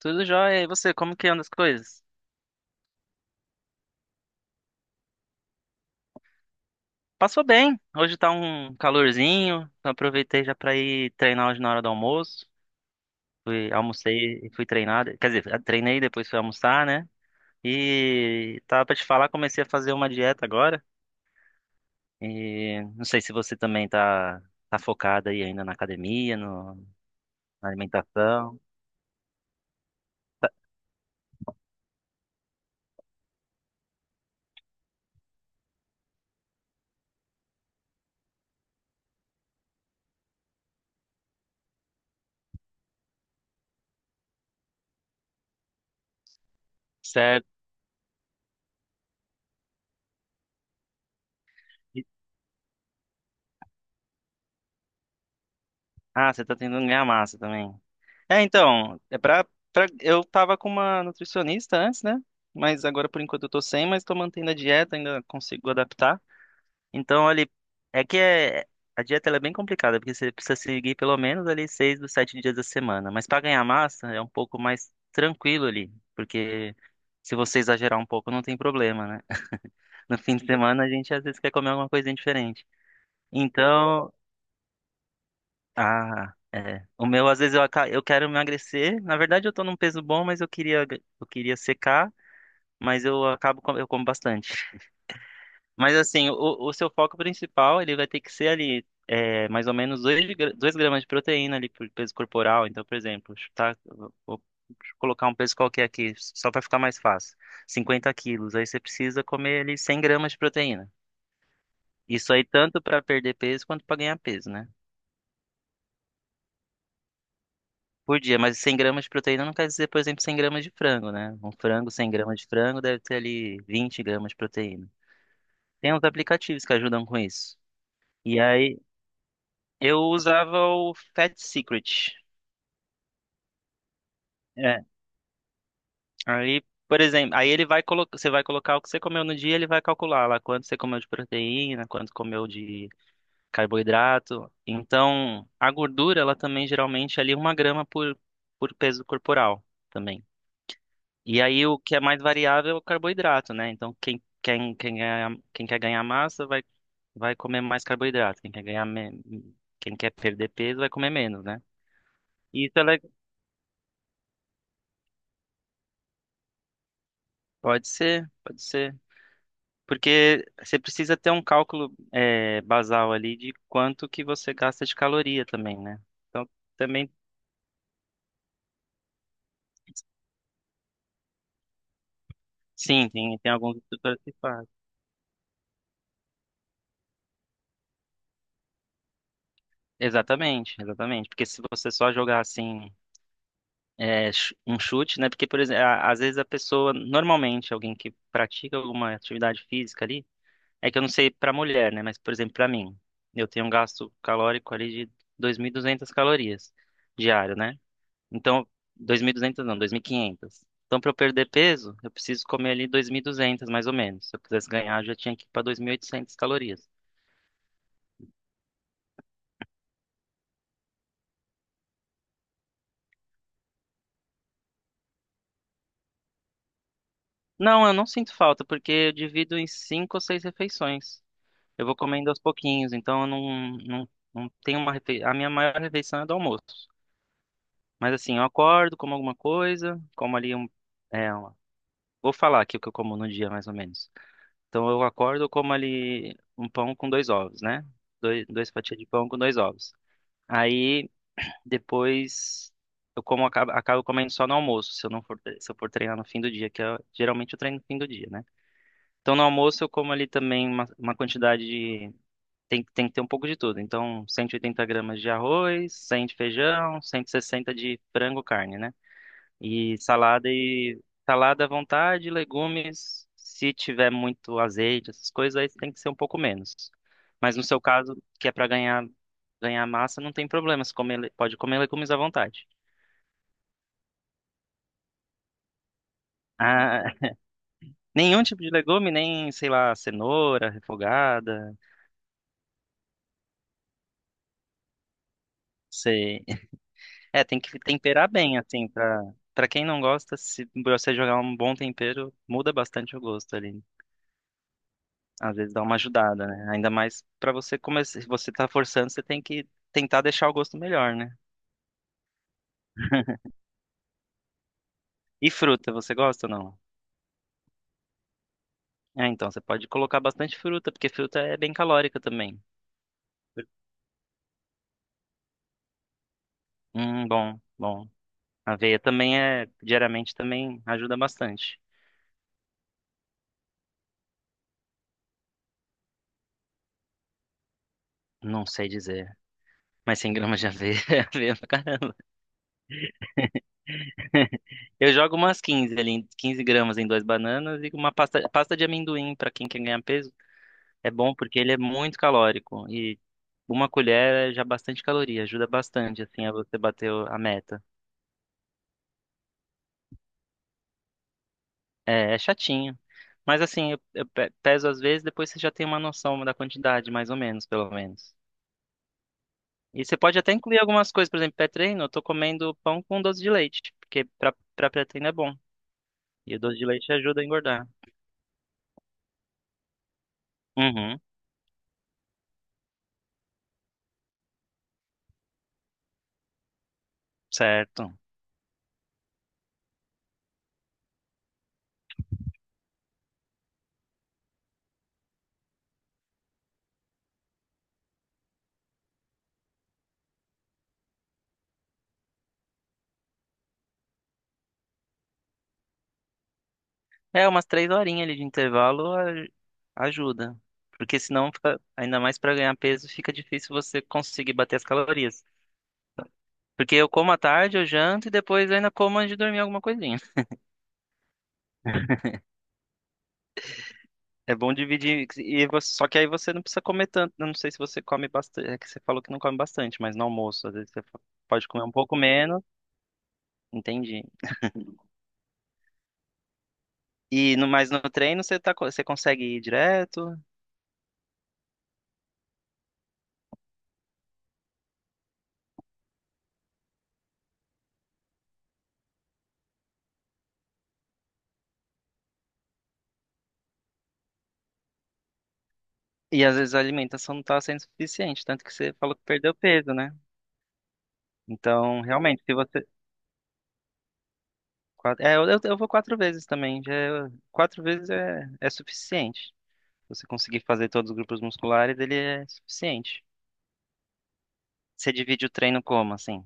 Tudo jóia. E você, como que anda as coisas? Passou bem. Hoje tá um calorzinho. Então aproveitei já pra ir treinar hoje na hora do almoço. Fui, almocei e fui treinar. Quer dizer, treinei depois fui almoçar, né? E tava pra te falar, comecei a fazer uma dieta agora. E não sei se você também tá, tá focada aí ainda na academia, no, na alimentação. Certo. E- Ah, você tá tentando ganhar massa também. É, então, é pra, eu tava com uma nutricionista antes, né? Mas agora por enquanto eu tô sem, mas tô mantendo a dieta, ainda consigo adaptar. Então, ali, é que é, a dieta ela é bem complicada, porque você precisa seguir pelo menos ali seis dos sete dias da semana. Mas pra ganhar massa é um pouco mais tranquilo ali, porque se você exagerar um pouco não tem problema, né? No fim de semana a gente às vezes quer comer alguma coisinha diferente. Então, ah, é. O meu, às vezes, eu quero emagrecer. Na verdade, eu tô num peso bom, mas eu queria secar, mas eu acabo, eu como bastante. Mas, assim, o seu foco principal, ele vai ter que ser ali, é, mais ou menos 2 gramas de proteína ali por peso corporal. Então, por exemplo, chutar, vou colocar um peso qualquer aqui, só para ficar mais fácil. 50 quilos. Aí você precisa comer ali 100 gramas de proteína. Isso aí tanto para perder peso quanto para ganhar peso, né? Por dia, mas 100 gramas de proteína não quer dizer, por exemplo, 100 gramas de frango, né? Um frango, 100 gramas de frango deve ter ali 20 gramas de proteína. Tem uns aplicativos que ajudam com isso. E aí, eu usava o Fat Secret. É. Aí, por exemplo, aí ele vai colocar, você vai colocar o que você comeu no dia, ele vai calcular lá quanto você comeu de proteína, quanto comeu de carboidrato. Então, a gordura, ela também geralmente é ali uma grama por peso corporal. Também. E aí o que é mais variável é o carboidrato, né? Então quem quer ganhar massa vai, vai comer mais carboidrato. Quem quer perder peso vai comer menos, né? E isso é le- Pode ser, pode ser. Porque você precisa ter um cálculo é, basal ali de quanto que você gasta de caloria também, né? Então também sim, tem alguns instrutores que fazem. Exatamente, exatamente. Porque se você só jogar assim é, um chute, né? Porque, por exemplo, às vezes a pessoa, normalmente, alguém que pratica alguma atividade física ali, é que eu não sei para mulher, né? Mas, por exemplo, para mim, eu tenho um gasto calórico ali de 2.200 calorias diário, né? Então, 2.200 não, 2.500. Então, para eu perder peso, eu preciso comer ali 2.200, mais ou menos. Se eu quisesse ganhar, eu já tinha que ir para 2.800 calorias. Não, eu não sinto falta, porque eu divido em cinco ou seis refeições. Eu vou comendo aos pouquinhos, então eu não tenho uma A minha maior refeição é do almoço. Mas assim, eu acordo, como alguma coisa, como ali um. É, uma- Vou falar aqui o que eu como no dia, mais ou menos. Então eu acordo, eu como ali um pão com dois ovos, né? Dois fatias de pão com dois ovos. Aí depois eu como acabo comendo só no almoço, se eu não for, se eu for treinar no fim do dia, que eu, geralmente eu treino no fim do dia, né? Então no almoço eu como ali também uma quantidade de tem que ter um pouco de tudo. Então, 180 gramas de arroz, 100 de feijão, 160 de frango, carne, né? E salada à vontade, legumes. Se tiver muito azeite, essas coisas, aí tem que ser um pouco menos. Mas no seu caso, que é para ganhar massa, não tem problema. Você come pode comer legumes à vontade. Ah, nenhum tipo de legume, nem, sei lá, cenoura refogada. Sei. É, tem que temperar bem, assim, pra, pra quem não gosta, se você jogar um bom tempero, muda bastante o gosto ali. Às vezes dá uma ajudada, né? Ainda mais pra você começar, se você tá forçando, você tem que tentar deixar o gosto melhor, né? E fruta, você gosta ou não? É, então, você pode colocar bastante fruta, porque fruta é bem calórica também. Bom, bom. Aveia também é, diariamente também ajuda bastante. Não sei dizer, mas 100 gramas de aveia é aveia pra caramba. Eu jogo umas 15 ali, 15 gramas em duas bananas e uma pasta, pasta de amendoim para quem quer ganhar peso. É bom porque ele é muito calórico e uma colher é já bastante caloria, ajuda bastante assim a você bater a meta. É, é chatinho, mas assim, eu, peso às vezes, depois você já tem uma noção da quantidade, mais ou menos, pelo menos. E você pode até incluir algumas coisas, por exemplo, pré-treino, eu tô comendo pão com doce de leite, porque para pré-treino é bom. E o doce de leite ajuda a engordar. Uhum, certo. É, umas três horinhas ali de ajuda. Porque senão, fica, ainda mais para ganhar peso, fica difícil você conseguir bater as calorias. Porque eu como à tarde, eu janto e depois eu ainda como antes de dormir alguma coisinha. É bom dividir, só que aí você não precisa comer tanto. Eu não sei se você come bastante, é que você falou que não come bastante, mas no almoço, às vezes pode comer um pouco menos, entendi. E no, mas no treino você tá, você consegue ir direto, e às vezes a alimentação não tá sendo suficiente, tanto que você falou que perdeu peso, né? Então, realmente, se você. É, eu vou quatro vezes também. Já, quatro vezes é, é suficiente. Se você conseguir fazer todos os grupos musculares, ele é suficiente. Você divide o treino como, assim?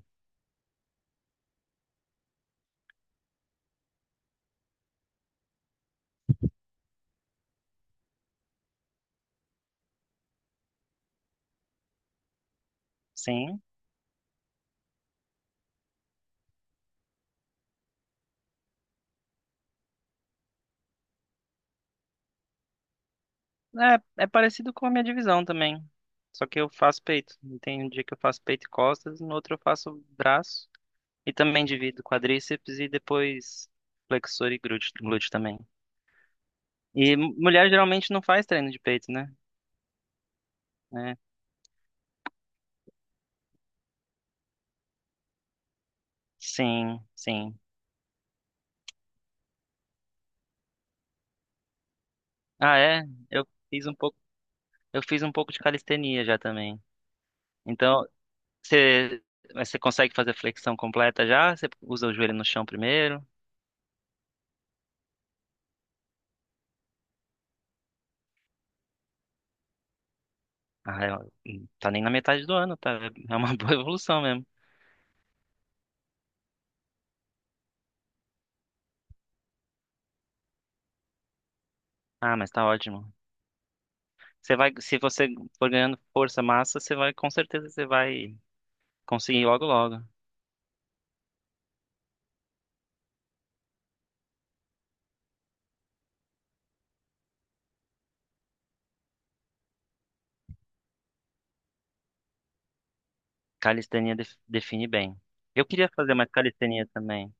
Sim. É, é parecido com a minha divisão também. Só que eu faço peito. Tem um dia que eu faço peito e costas, no outro eu faço braço. E também divido quadríceps e depois flexor e glúteo também. E mulher geralmente não faz treino de peito, né? É, sim. Ah, é? Eu fiz um pouco, eu fiz um pouco de calistenia já também. Então, você, mas você consegue fazer flexão completa já? Você usa o joelho no chão primeiro? Ah, tá nem na metade do ano, tá? É uma boa evolução mesmo. Ah, mas tá ótimo. Você vai, se você for ganhando força, massa, você vai, com certeza você vai conseguir logo logo. Define bem. Eu queria fazer mais calistenia também.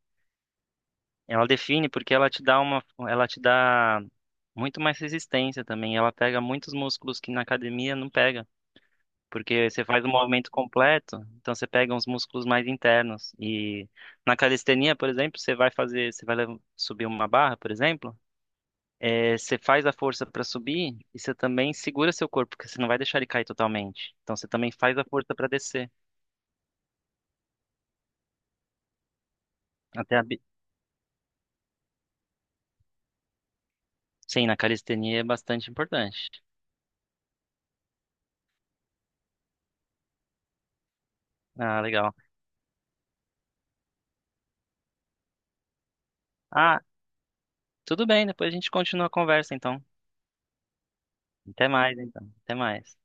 Ela define porque ela te dá uma, Ela te dá muito mais resistência também. Ela pega muitos músculos que na academia não pega, porque você faz um movimento completo, então você pega uns músculos mais internos. E na calistenia, por exemplo, você vai fazer, subir uma barra, por exemplo, você faz a força para subir e você também segura seu corpo, porque você não vai deixar ele cair totalmente. Então você também faz a força para descer. Até a, bi- sim, na calistenia é bastante importante. Ah, legal. ah Tudo bem, depois a gente continua a conversa, então. Até mais, então. Até mais.